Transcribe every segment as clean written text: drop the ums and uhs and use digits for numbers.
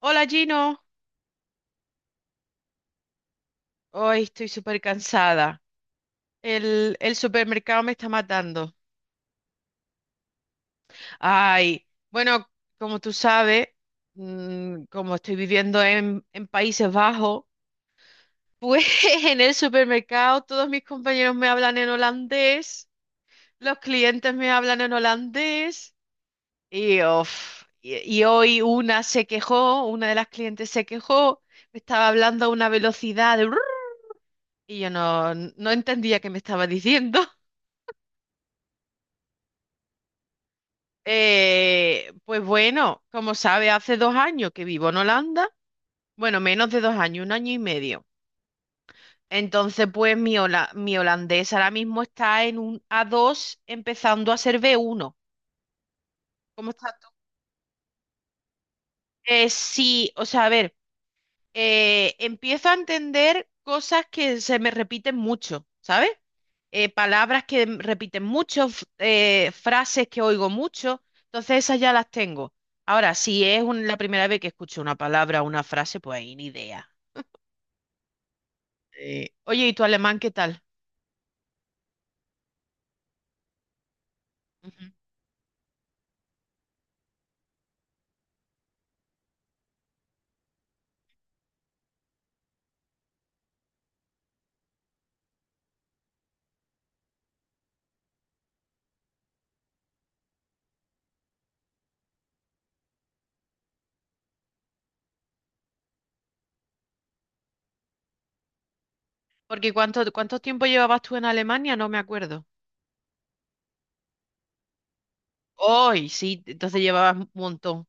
Hola Gino, hoy estoy súper cansada. El supermercado me está matando. Ay, bueno, como tú sabes, como estoy viviendo en Países Bajos, pues en el supermercado todos mis compañeros me hablan en holandés, los clientes me hablan en holandés y, uf, y hoy una se quejó, una de las clientes se quejó, me estaba hablando a una velocidad de. Y yo no entendía qué me estaba diciendo. Pues bueno, como sabe, hace 2 años que vivo en Holanda. Bueno, menos de 2 años, un año y medio. Entonces, pues mi holandés ahora mismo está en un A2 empezando a ser B1. ¿Cómo estás tú? Sí, o sea, a ver, empiezo a entender cosas que se me repiten mucho, ¿sabes? Palabras que repiten mucho, frases que oigo mucho, entonces esas ya las tengo. Ahora, si es la primera vez que escucho una palabra o una frase, pues ahí ni idea. Oye, ¿y tu alemán qué tal? Ujú. ¿Porque ¿cuánto tiempo llevabas tú en Alemania? No me acuerdo. Hoy, sí, entonces llevabas un montón.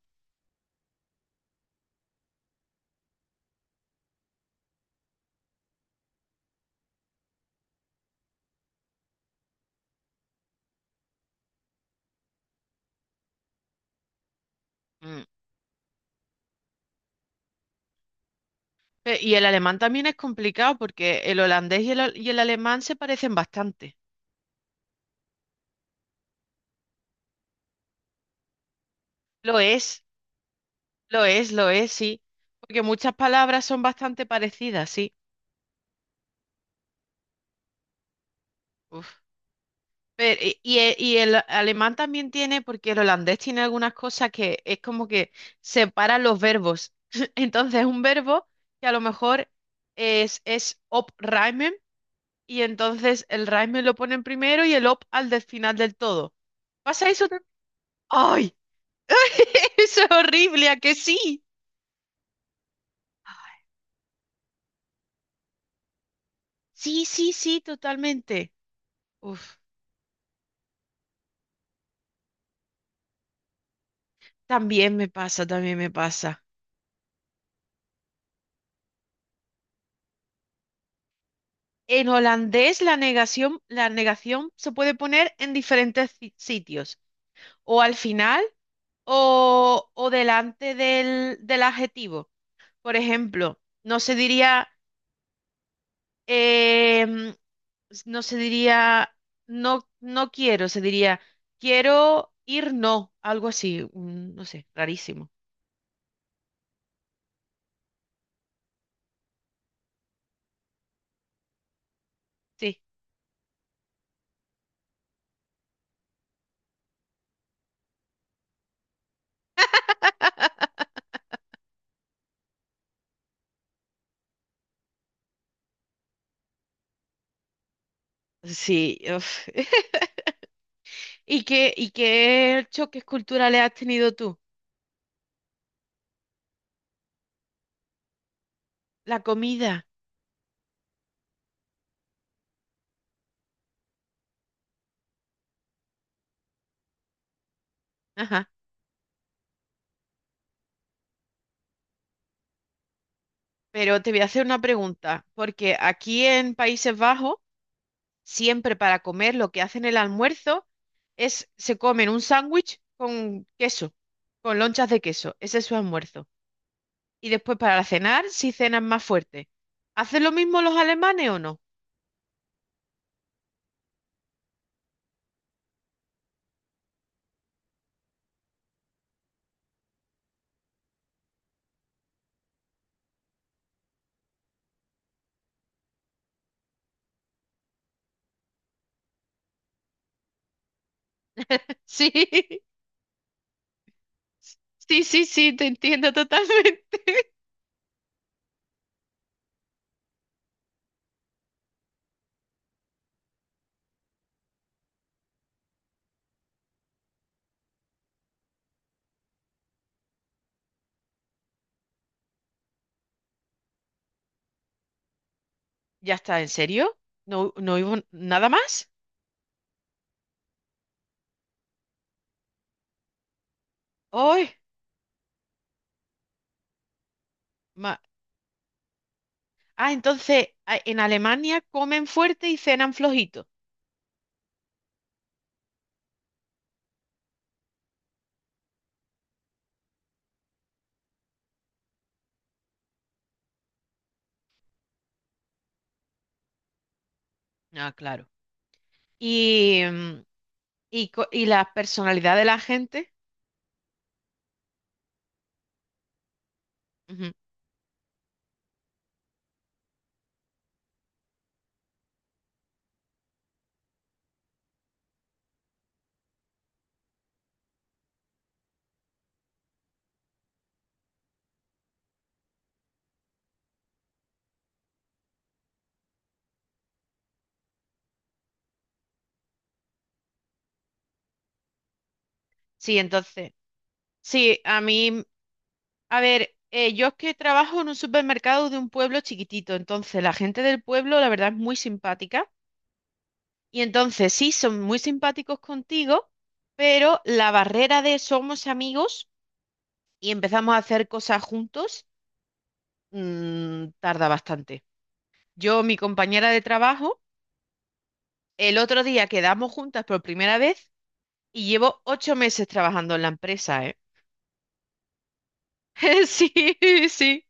Mm. Y el alemán también es complicado porque el holandés y el alemán se parecen bastante. Lo es, lo es, lo es, sí. Porque muchas palabras son bastante parecidas, sí. Uf. Pero, y el alemán también tiene, porque el holandés tiene algunas cosas que es como que separa los verbos. Entonces, un verbo que a lo mejor es op reimen, y entonces el reimen lo ponen primero y el op al del final del todo. ¿Pasa eso también? ¡Ay! Eso es horrible, ¿a que sí? Sí, sí, sí, totalmente. Uf. También me pasa, también me pasa. En holandés la negación se puede poner en diferentes sitios, o al final o delante del adjetivo. Por ejemplo, no se diría, em, s- no se diría, no, no quiero, se diría, quiero ir, no, algo así, no sé, rarísimo. Sí, sí. Uf. ¿Y qué choques culturales has tenido tú? La comida. Ajá, pero te voy a hacer una pregunta, porque aquí en Países Bajos, siempre para comer lo que hacen el almuerzo se comen un sándwich con queso, con lonchas de queso, ese es su almuerzo. Y después para cenar, si cenan más fuerte. ¿Hacen lo mismo los alemanes o no? Sí, sí, sí, sí, te entiendo totalmente. ¿Ya está? ¿En serio? ¿No, no hubo nada más? ¡Ay! ma- Ah, entonces, en Alemania comen fuerte y cenan flojito. Ah, claro. y, mm, y la personalidad de la gente. Ujú. Sí, entonces, sí, a mí, a ver, yo es que trabajo en un supermercado de un pueblo chiquitito, entonces la gente del pueblo, la verdad, es muy simpática. Y entonces, sí, son muy simpáticos contigo, pero la barrera de somos amigos y empezamos a hacer cosas juntos, tarda bastante. Yo, mi compañera de trabajo, el otro día quedamos juntas por primera vez. Y llevo 8 meses trabajando en la empresa, ¿eh? Sí, sí.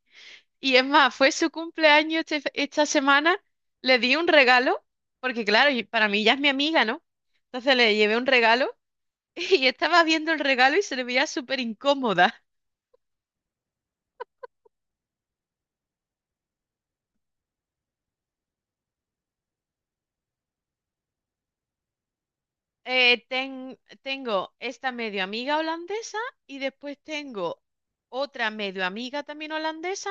Y es más, fue su cumpleaños esta semana. Le di un regalo, porque claro, y para mí ya es mi amiga, ¿no? Entonces le llevé un regalo y estaba viendo el regalo y se le veía súper incómoda. Tengo esta medio amiga holandesa y después tengo otra medio amiga también holandesa,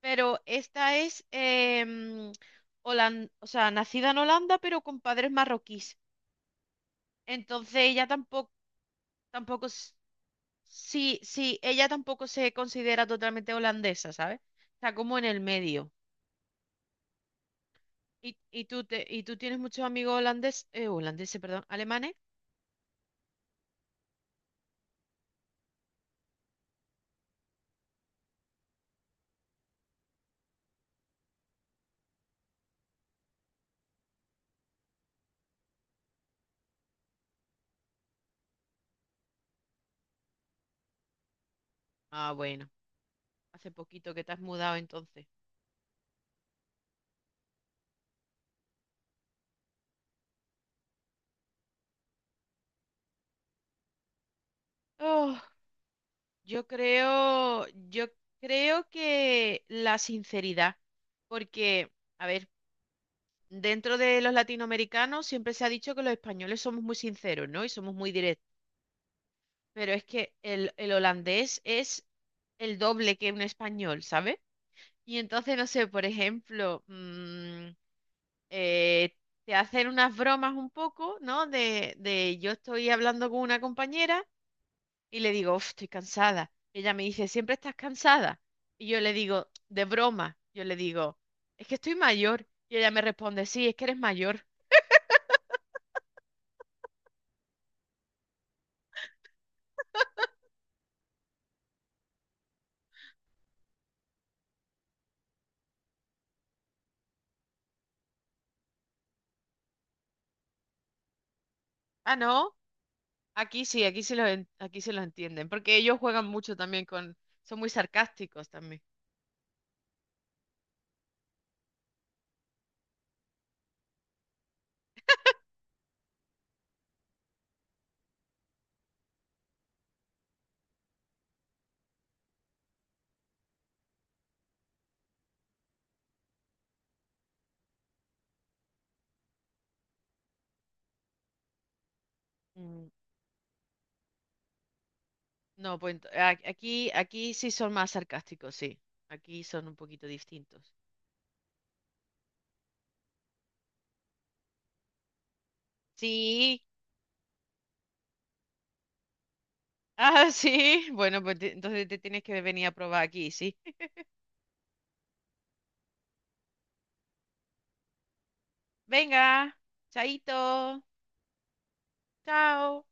pero esta es, o sea, nacida en Holanda, pero con padres marroquíes. Entonces ella tampoco, sí, sí, ella tampoco se considera totalmente holandesa, ¿sabes? Está como en el medio. ¿Y tú tienes muchos amigos holandeses, holandeses, perdón, alemanes? Ah, bueno, hace poquito que te has mudado entonces. Oh. Yo creo que la sinceridad, porque, a ver, dentro de los latinoamericanos siempre se ha dicho que los españoles somos muy sinceros, ¿no? Y somos muy directos, pero es que el holandés es el doble que un español, ¿sabes? Y entonces, no sé, por ejemplo, eh, te hacen unas bromas un poco, ¿no? De yo estoy hablando con una compañera. Y le digo: "Uf, estoy cansada". Y ella me dice: ¿siempre estás cansada? Y yo le digo, de broma, yo le digo: es que estoy mayor. Y ella me responde: sí, es que eres mayor. Ah, no, aquí sí los entienden, porque ellos juegan mucho también son muy sarcásticos también. Mm, No, pues aquí sí son más sarcásticos, sí. Aquí son un poquito distintos. Sí, ah, sí. Bueno, pues entonces te tienes que venir a probar aquí, sí. Venga, chaito, chao.